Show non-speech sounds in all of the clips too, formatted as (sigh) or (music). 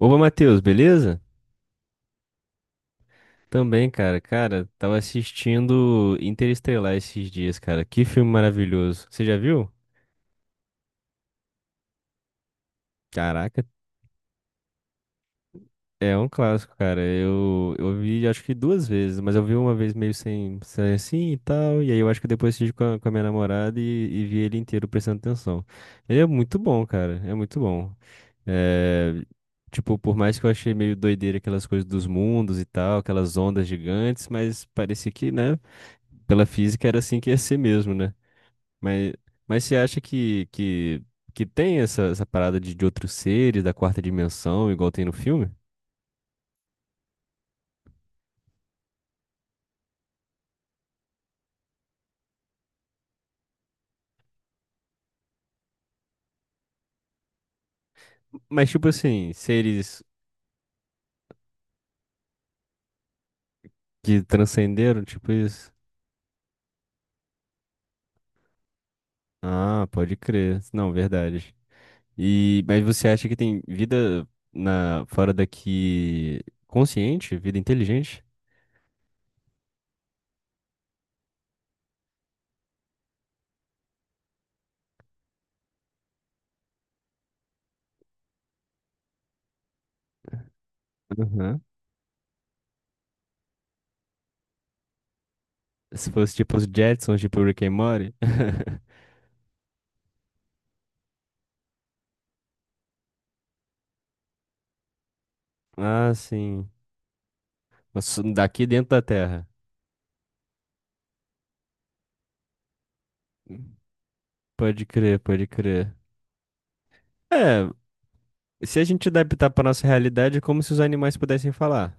Opa, Matheus, beleza? Também, cara. Cara, tava assistindo Interestelar esses dias, cara. Que filme maravilhoso. Você já viu? Caraca, é um clássico, cara. Eu vi acho que duas vezes, mas eu vi uma vez meio sem assim e tal. E aí eu acho que depois assisti com a minha namorada e vi ele inteiro prestando atenção. Ele é muito bom, cara. É muito bom. É. Tipo, por mais que eu achei meio doideira aquelas coisas dos mundos e tal, aquelas ondas gigantes, mas parecia que, né? Pela física era assim que ia ser mesmo, né? Mas, mas você acha que tem essa, essa parada de outros seres da quarta dimensão, igual tem no filme? Mas tipo assim, seres que transcenderam, tipo isso? Ah, pode crer. Não, verdade. E, mas você acha que tem vida na, fora daqui consciente, vida inteligente? Aham. Se fosse tipo os Jetsons, tipo Rick and Morty. (laughs) Ah, sim. Mas daqui dentro da Terra. Pode crer, pode crer. É, se a gente adaptar para nossa realidade, é como se os animais pudessem falar.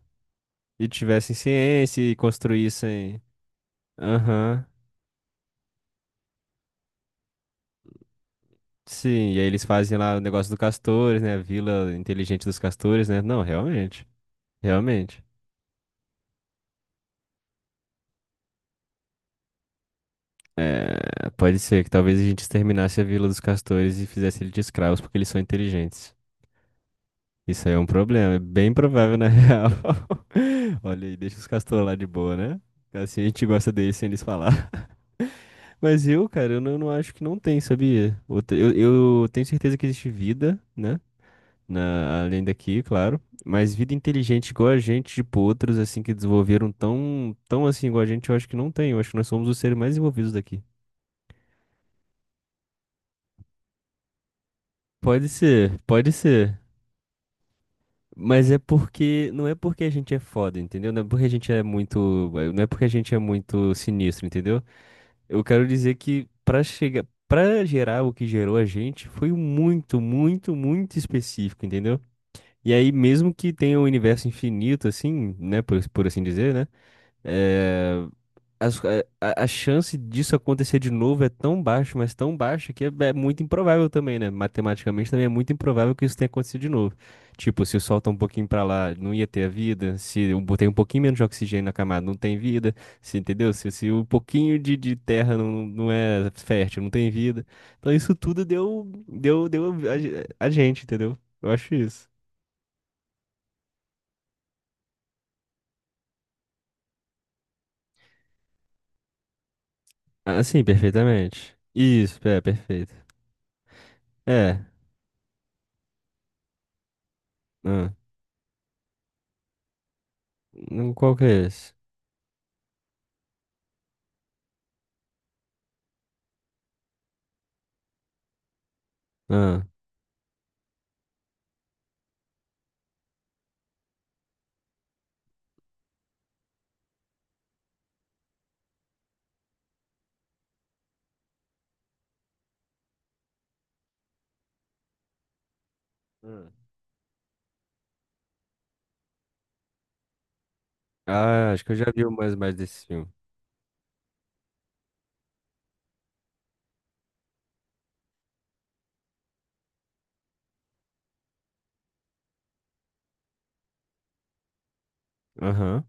E tivessem ciência e construíssem. Aham. Sim, e aí eles fazem lá o negócio do castores, né? A vila inteligente dos castores, né? Não, realmente. Realmente. É, pode ser que talvez a gente exterminasse a vila dos castores e fizesse eles de escravos porque eles são inteligentes. Isso aí é um problema, é bem provável na real. (laughs) Olha aí, deixa os castores lá de boa, né? Assim a gente gosta deles sem eles falar. (laughs) Mas eu, cara, eu não acho que não tem, sabia? Eu tenho certeza que existe vida, né? Na, além daqui, claro. Mas vida inteligente igual a gente, tipo outros, assim, que desenvolveram tão assim igual a gente, eu acho que não tem. Eu acho que nós somos os seres mais envolvidos daqui. Pode ser, pode ser. Mas é porque, não é porque a gente é foda, entendeu? Não é porque a gente é muito, não é porque a gente é muito sinistro, entendeu? Eu quero dizer que pra chegar, para gerar o que gerou a gente foi muito, muito, muito específico, entendeu? E aí mesmo que tenha um universo infinito assim, né, por assim dizer, né? É, as- a chance disso acontecer de novo é tão baixa, mas tão baixa que é muito improvável também, né? Matematicamente também é muito improvável que isso tenha acontecido de novo. Tipo, se solta um pouquinho pra lá, não ia ter a vida. Se eu botei um pouquinho menos de oxigênio na camada, não tem vida. Se, entendeu? Se um pouquinho de terra não é fértil, não tem vida. Então isso tudo deu a gente, entendeu? Eu acho isso. Ah, sim, perfeitamente. Isso, é, perfeito. É. Ah, qual que é esse? Hum. Ah, acho que eu já vi mais, mais desse filme. Aham.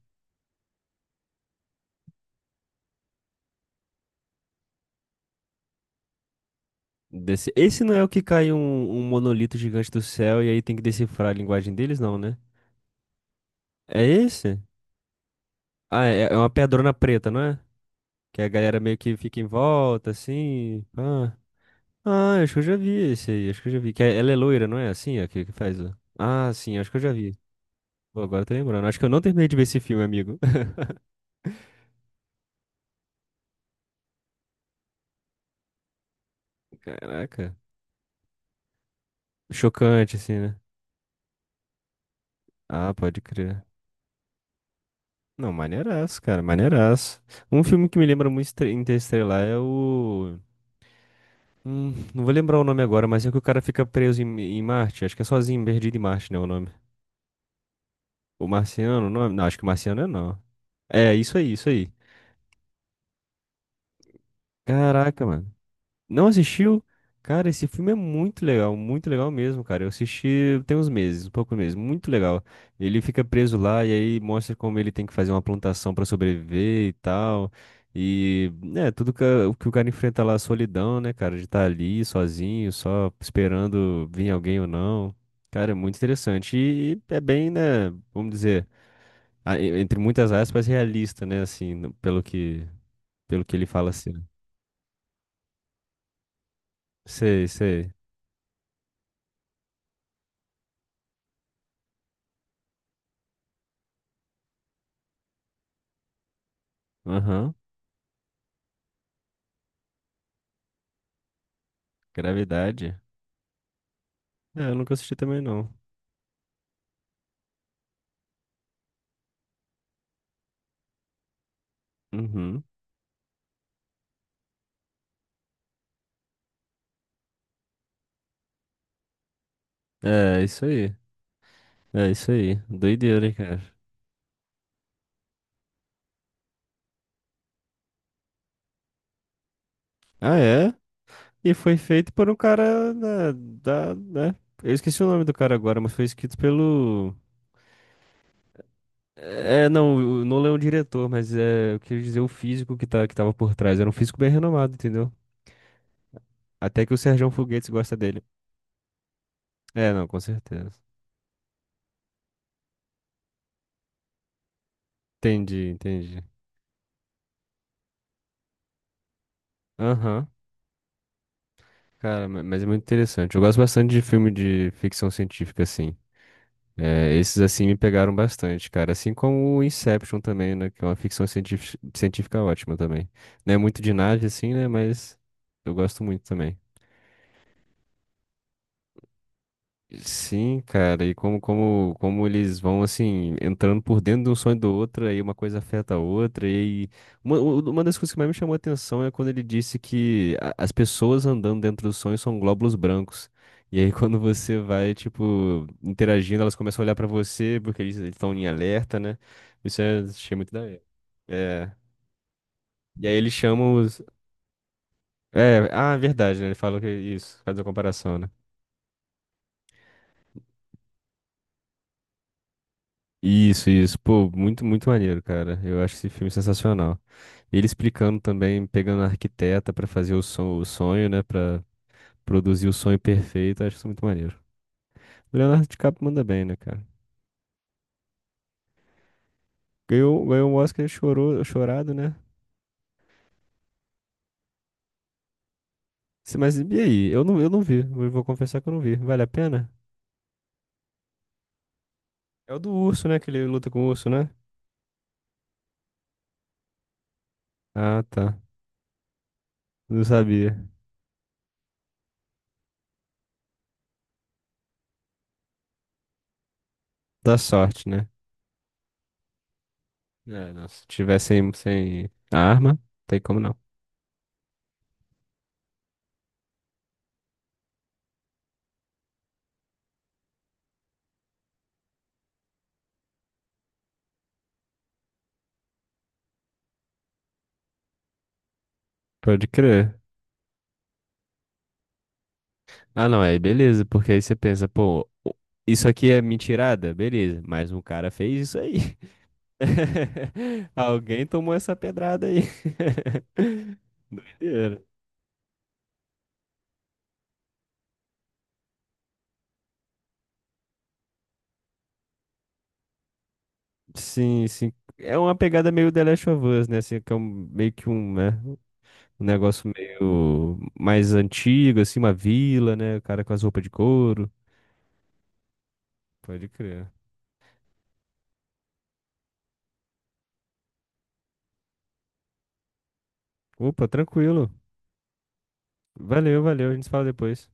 Desse... Esse não é o que cai um, um monolito gigante do céu e aí tem que decifrar a linguagem deles, não, né? É esse? Ah, é, é uma pedrona preta, não é? Que a galera meio que fica em volta, assim. Ah, ah, acho que eu já vi esse aí, acho que eu já vi. Que é- ela é loira, não é? Assim, é que faz. O- Ah, sim, acho que eu já vi. Pô, agora eu tô lembrando. Acho que eu não terminei de ver esse filme, amigo. (laughs) Caraca. Chocante, assim, né? Ah, pode crer. Não, maneiraço, cara, maneiraço. Um filme que me lembra muito Estre- Interestelar é o. Não vou lembrar o nome agora, mas é que o cara fica preso em, em Marte. Acho que é sozinho, perdido em Marte, né? O nome. O Marciano, o nome? Não, acho que o Marciano é não. É, isso aí, isso aí. Caraca, mano. Não assistiu? Cara, esse filme é muito legal mesmo, cara. Eu assisti tem uns meses, um pouco mesmo, muito legal. Ele fica preso lá e aí mostra como ele tem que fazer uma plantação pra sobreviver e tal. E, né, tudo que, a- o que o cara enfrenta lá, a solidão, né, cara, de estar ali sozinho, só esperando vir alguém ou não. Cara, é muito interessante. E é bem, né, vamos dizer, a- e- entre muitas aspas, realista, né, assim, no- pelo que ele fala assim. Sei, sei. Aham. Gravidade? É, eu nunca assisti também não. Uhum. É, isso aí. É isso aí. Doideira, cara. Ah, é? E foi feito por um cara da, né? Eu esqueci o nome do cara agora, mas foi escrito pelo. É, não, o Nolan é um diretor, mas é, eu queria dizer o físico que, tá, que tava por trás. Era um físico bem renomado, entendeu? Até que o Serjão Foguetes gosta dele. É, não, com certeza. Entendi, entendi. Aham. Cara, ma- mas é muito interessante. Eu gosto bastante de filme de ficção científica, assim. É, esses assim me pegaram bastante, cara. Assim como o Inception também, né? Que é uma ficção científica ótima também. Não é muito de nave, assim, né? Mas eu gosto muito também. Sim, cara, e como eles vão assim, entrando por dentro de um sonho do outro, aí uma coisa afeta a outra, e aí- uma, u- uma das coisas que mais me chamou a atenção é quando ele disse que a- as pessoas andando dentro do sonho são glóbulos brancos. E aí (laughs) quando você vai, tipo, interagindo, elas começam a olhar pra você, porque eles estão em alerta, né? Isso é, achei muito da hora. É. E aí eles chamam os. É, ah, verdade, né? Ele falou que é isso, faz a comparação, né? Isso, isso. Pô, muito, muito maneiro, cara. Eu acho esse filme sensacional. Ele explicando também, pegando a arquiteta pra fazer o, son- o sonho, né? Pra produzir o sonho perfeito. Eu acho isso muito maneiro. O Leonardo DiCaprio manda bem, né, cara? Ganhou um Oscar, chorou, chorado, né? Se- Mas e aí? Eu não vi. Eu vou confessar que eu não vi. Vale a pena? É o do urso, né? Que ele luta com o urso, né? Ah, tá. Não sabia. Dá sorte, né? É, não. Se tiver sem arma, tem como não. Pode crer. Ah, não, aí beleza, porque aí você pensa, pô, o- isso aqui é mentirada? Beleza, mas um cara fez isso aí. (laughs) Alguém tomou essa pedrada aí. (laughs) Doideira. Sim, sim. É uma pegada meio The Last of Us, né? Assim, que é um- meio que um, né? Um negócio meio mais antigo, assim, uma vila, né? O cara com as roupas de couro. Pode crer. Opa, tranquilo. Valeu, valeu. A gente se fala depois.